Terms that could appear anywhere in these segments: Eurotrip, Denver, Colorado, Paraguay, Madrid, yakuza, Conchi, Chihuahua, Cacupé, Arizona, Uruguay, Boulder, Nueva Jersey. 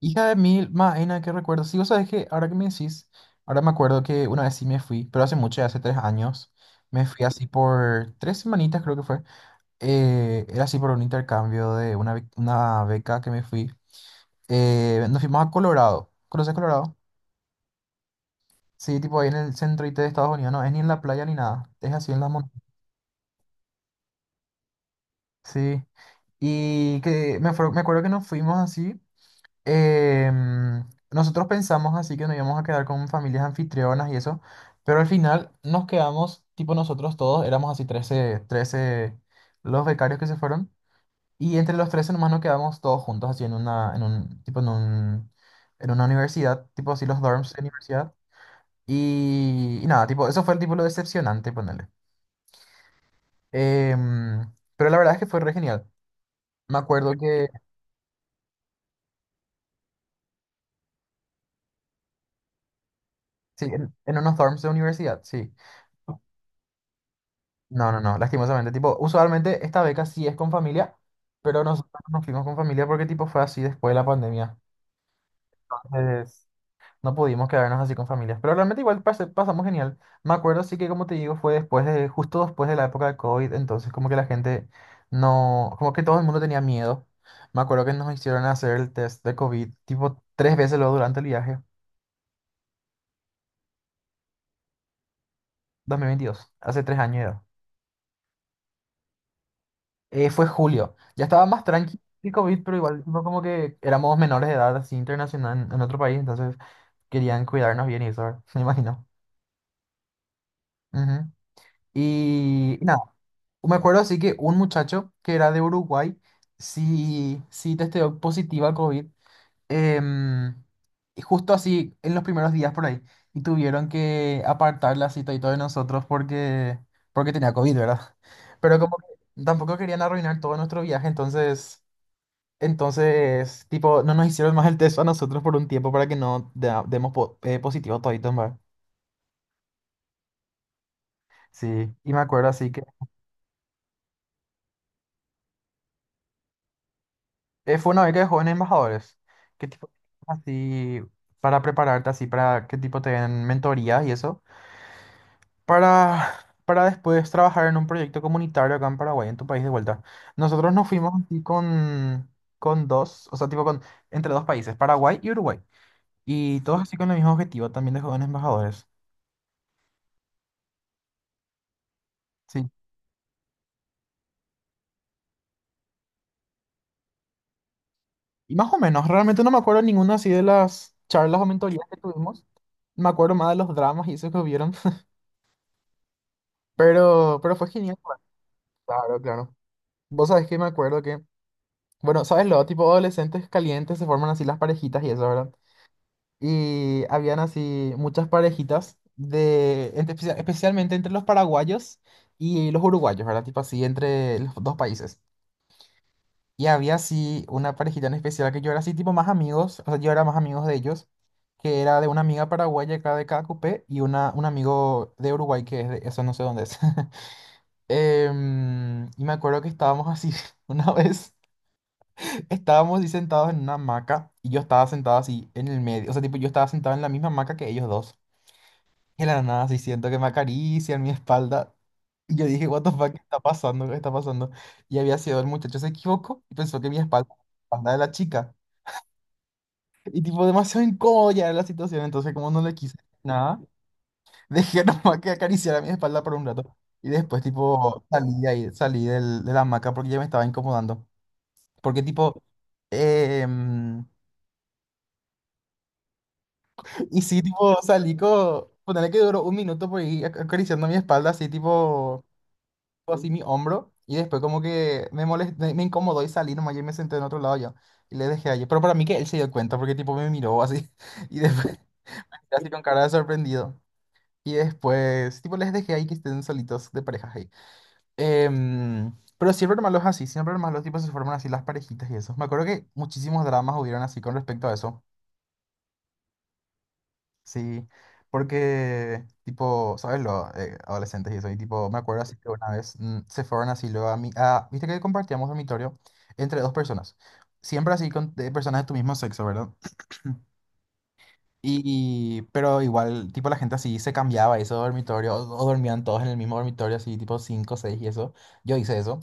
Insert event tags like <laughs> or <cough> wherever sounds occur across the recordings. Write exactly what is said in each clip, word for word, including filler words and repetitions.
Hija de mil maena, qué recuerdo. Sí, vos sabés que ahora que me decís, ahora me acuerdo que una vez sí me fui, pero hace mucho, ya hace tres años, me fui así por tres semanitas creo que fue. Eh, era así por un intercambio de una, bec- una beca que me fui. Eh, nos fuimos a Colorado. ¿Conoces Colorado? Sí, tipo ahí en el centro I T de Estados Unidos, no es ni en la playa ni nada, es así en las montañas. Sí. Y que me, acuerdo- me acuerdo que nos fuimos así. em, nosotros pensamos así que nos íbamos a quedar con familias anfitrionas y eso, pero al final nos quedamos, tipo nosotros todos, éramos así trece trece los becarios que se fueron, y entre los trece nomás nos quedamos todos juntos así en una, en un, tipo en un, en una universidad, tipo así los dorms de universidad, y, y nada, tipo, eso fue el tipo lo decepcionante, ponerle. Pero la verdad es que fue re genial. Me acuerdo que, sí, en, en unos dorms de universidad, sí. No, no, no, lastimosamente, tipo, usualmente esta beca sí es con familia, pero nosotros no nos fuimos con familia porque tipo fue así después de la pandemia. Entonces, no pudimos quedarnos así con familias, pero realmente igual pas- pasamos genial. Me acuerdo sí que como te digo fue después de, justo después de la época de COVID, entonces como que la gente no, como que todo el mundo tenía miedo. Me acuerdo que nos hicieron hacer el test de COVID tipo tres veces luego durante el viaje. dos mil veintidós, hace tres años ya. Eh, fue julio. Ya estaba más tranquilo el COVID, pero igual no como que éramos menores de edad así internacional en, en otro país, entonces querían cuidarnos bien y eso, ¿verdad? <laughs> Me imagino. Ujú. Y, y nada, me acuerdo así que un muchacho que era de Uruguay sí, sí testeó positiva a COVID, em, y justo así en los primeros días por ahí, y tuvieron que apartar la cita y todo de nosotros porque, porque tenía COVID, ¿verdad? Pero como que tampoco querían arruinar todo nuestro viaje, entonces... Entonces, tipo, no nos hicieron más el test a nosotros por un tiempo para que no da- demos po- eh, positivo toditos, ¿verdad? Sí, y me acuerdo así que eh, fue una beca de jóvenes embajadores. ¿Qué tipo así para prepararte así para qué tipo te den mentoría y eso? Para para después trabajar en un proyecto comunitario acá en Paraguay, en tu país de vuelta. Nosotros nos fuimos así con con dos, o sea, tipo con entre dos países, Paraguay y Uruguay, y todos así con el mismo objetivo también de jóvenes embajadores. Sí. Y más o menos, realmente no me acuerdo ninguna así de las charlas o mentorías que tuvimos. Me acuerdo más de los dramas y eso que hubieron. <laughs> Pero, pero fue genial, pues. Claro, claro. Vos sabés que me acuerdo que, bueno, ¿sabes lo? Tipo adolescentes calientes se forman así las parejitas y eso, ¿verdad? Y habían así muchas parejitas de, entre- especia- especialmente entre los paraguayos y los uruguayos, ¿verdad? Tipo así, entre los dos países. Y había así una parejita en especial que yo era así tipo más amigos, o sea, yo era más amigos de ellos, que era de una amiga paraguaya acá de Cacupé y una, un amigo de Uruguay que es de, eso no sé dónde es. <laughs> Em, y me acuerdo que estábamos así, <laughs> una vez estábamos así sentados en una hamaca y yo estaba sentado así en el medio, o sea, tipo yo estaba sentado en la misma hamaca que ellos dos. Y de la nada así siento que me acarician mi espalda. Y yo dije, what the fuck, ¿qué está pasando? ¿Qué está pasando? Y había sido el muchacho se equivocó y pensó que mi espalda, la espalda de la chica. Y tipo, demasiado incómodo ya era la situación, entonces como no le quise nada, <laughs> dejé nomás que acariciara mi espalda por un rato. Y después tipo salí de ahí, salí del- de la hamaca porque ya me estaba incomodando. Porque tipo, em, <laughs> y sí, tipo, salí con, ponele que duró un minuto por ahí ac- acariciando mi espalda, así tipo, así mi hombro. Y después como que me molest- me me incomodó y salí nomás y me senté en otro lado yo. Y le dejé allí. Pero para mí que él se dio cuenta porque tipo me miró así. <laughs> Y después, así con cara de sorprendido. Y después, tipo, les dejé ahí que estén solitos de parejas ahí. Em, pero siempre eran malos así, siempre eran malos, tipo, se forman así las parejitas y eso. Me acuerdo que muchísimos dramas hubieron así con respecto a eso. Sí, porque, tipo, ¿sabes? Los adolescentes y eso. Y, tipo, me acuerdo así que una vez mm, se fueron así luego a mi... A, Viste que compartíamos dormitorio entre dos personas. Siempre así con de personas de tu mismo sexo, ¿verdad? Y, pero igual, tipo, la gente así se cambiaba de ese dormitorio, o, o dormían todos en el mismo dormitorio, así, tipo, cinco seis y eso. Yo hice eso.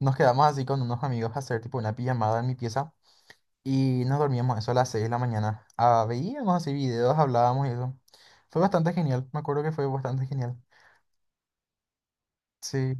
Nos quedamos así con unos amigos a hacer, tipo, una pijamada en mi pieza. Y nos dormíamos eso a las seis de la mañana. Ah, veíamos así videos, hablábamos y eso. Fue bastante genial, me acuerdo que fue bastante genial. Sí.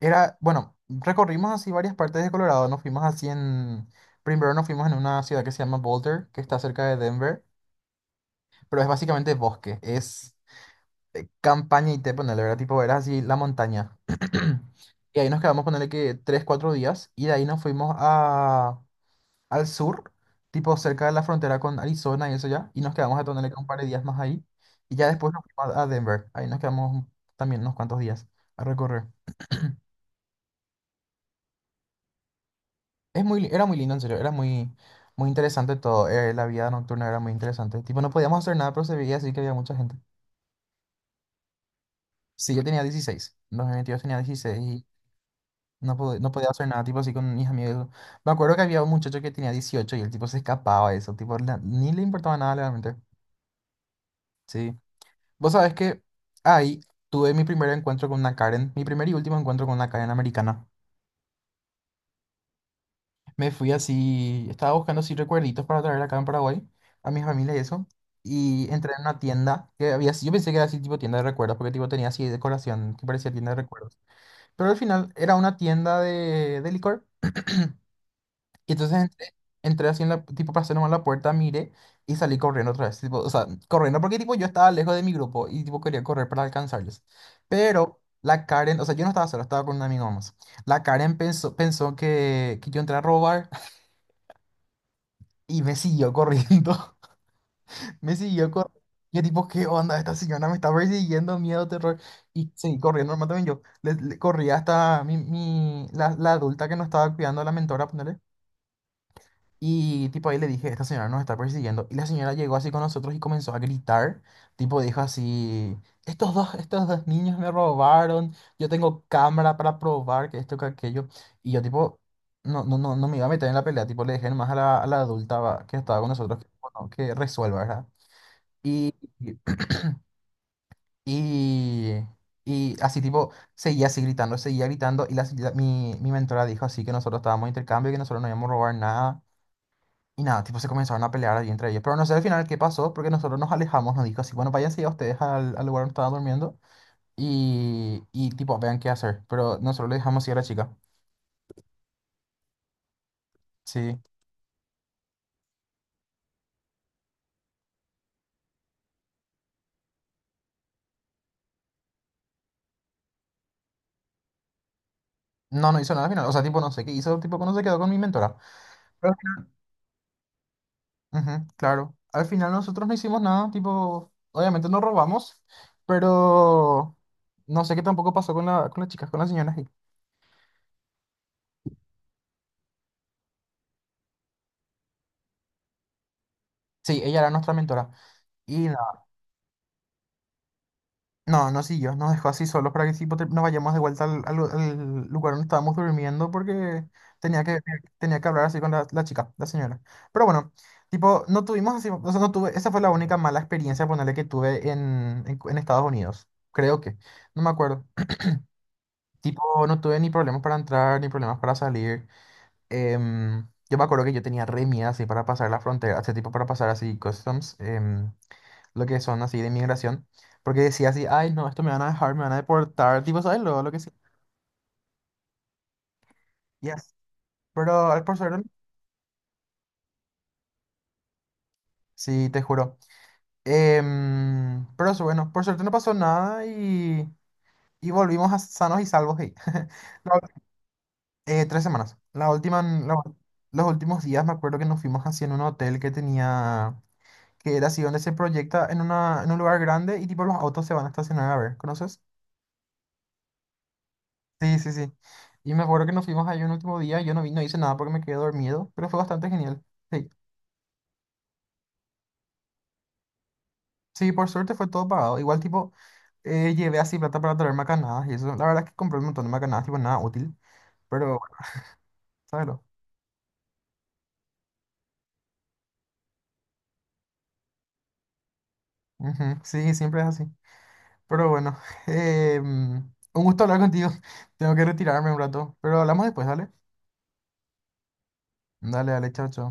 Era, bueno, recorrimos así varias partes de Colorado. Nos fuimos así en. Primero nos fuimos en una ciudad que se llama Boulder, que está cerca de Denver, pero es básicamente bosque. Es eh, campaña y te ponele, ¿verdad? Tipo, era así la montaña. <clears throat> Y ahí nos quedamos, ponerle que tres, cuatro días. Y de ahí nos fuimos a, al sur, tipo cerca de la frontera con Arizona y eso ya. Y nos quedamos a ponerle que un par de días más ahí. Y ya después nos fuimos a a Denver. Ahí nos quedamos un- también unos cuantos días a recorrer. Es muy, li- era muy lindo, en serio. Era muy, muy interesante todo. Eh, la vida nocturna era muy interesante. Tipo, no podíamos hacer nada, pero se veía así que había mucha gente. Sí, yo tenía dieciséis. En dos mil veintidós tenía dieciséis. No, pod- no podía hacer nada, tipo así con mis amigos. Me acuerdo que había un muchacho que tenía dieciocho y el tipo se escapaba de eso, tipo, la- ni le importaba nada realmente. Sí. Vos sabés que ahí tuve mi primer encuentro con una Karen, mi primer y último encuentro con una Karen americana. Me fui así, estaba buscando así recuerditos para traer acá en Paraguay a mi familia y eso. Y entré en una tienda que había, así- yo pensé que era así tipo tienda de recuerdos, porque tipo tenía así decoración que parecía tienda de recuerdos. Pero al final era una tienda de, de licor. Y entonces entré, entré así en la, tipo para hacer nomás la puerta, miré y salí corriendo otra vez. Tipo, o sea, corriendo porque tipo yo estaba lejos de mi grupo y tipo quería correr para alcanzarles. Pero la Karen, o sea, yo no estaba solo, estaba con un amigo más. La Karen pensó, pensó que, que yo entré a robar <laughs> y me siguió corriendo. <laughs> Me siguió corriendo. Yo tipo, ¿qué onda? Esta señora me está persiguiendo, miedo, terror. Y seguí corriendo, normal también yo. Le, le corrí hasta mi, mi, la, la adulta que nos estaba cuidando, la mentora, ponerle. Y tipo ahí le dije, esta señora nos está persiguiendo. Y la señora llegó así con nosotros y comenzó a gritar. Tipo dijo así, estos dos, estos dos niños me robaron. Yo tengo cámara para probar que esto, que aquello. Y yo tipo, no, no, no, no me iba a meter en la pelea. Tipo le dejé nomás a la, a la adulta va, que estaba con nosotros que, bueno, que resuelva, ¿verdad? Y, y, y así tipo, seguía así gritando, seguía gritando. Y la, la- mi, mi mentora dijo así que nosotros estábamos de intercambio, que nosotros no íbamos a robar nada y nada, tipo se comenzaron a pelear ahí entre ellos. Pero no sé al final qué pasó, porque nosotros nos alejamos, nos dijo así, bueno, váyanse ya ustedes al, al lugar donde estaban durmiendo y, y tipo, vean qué hacer. Pero nosotros le dejamos ir a la chica. Sí. No, no hizo nada al final. O sea, tipo, no sé qué hizo, tipo, no se quedó con mi mentora. Pero... Ujú, claro. Al final nosotros no hicimos nada, tipo, obviamente nos robamos, pero no sé qué tampoco pasó con la, con las chicas, con las señoras ahí. Sí, ella era nuestra mentora. Y no, no siguió, nos dejó así solos para que sí pote- nos vayamos de vuelta al, al lu- al lugar donde estábamos durmiendo porque tenía que, tenía que hablar así con la, la chica, la señora. Pero bueno, tipo, no tuvimos así, o sea, no tuve, esa fue la única mala experiencia, ponerle que tuve en, en, en Estados Unidos, creo que, no me acuerdo. Tipo, no tuve ni problemas para entrar, ni problemas para salir. Em, yo me acuerdo que yo tenía re miedo así para pasar la frontera, este tipo para pasar así customs. Em, lo que son así de inmigración, porque decía así, ay, no, esto me van a dejar, me van a deportar, tipo, ¿sabes? lo lo que sí. Yes. Pero al- por suerte, sí, te juro. Em, pero eso, bueno, por suerte no pasó nada y, y volvimos a sanos y salvos ahí. <laughs> La ul- eh, tres semanas. La última, la ul- los últimos días me acuerdo que nos fuimos así en un hotel que tenía, que era así donde se proyecta en, una, en un lugar grande y tipo los autos se van a estacionar a ver, ¿conoces? Sí, sí, sí. Y me acuerdo que nos fuimos ahí un último día, yo no vi, no hice nada porque me quedé dormido, pero fue bastante genial. Sí, sí, por suerte fue todo pagado. Igual tipo, eh, llevé así plata para traer macanadas y eso. La verdad es que compré un montón de macanadas, tipo nada útil, pero bueno, ¿sabes lo? Ujú, sí, siempre es así. Pero bueno, <laughs> eh, mm, un gusto hablar contigo. <laughs> Tengo que retirarme un rato, pero hablamos después, dale. Dale, dale, chao, chao.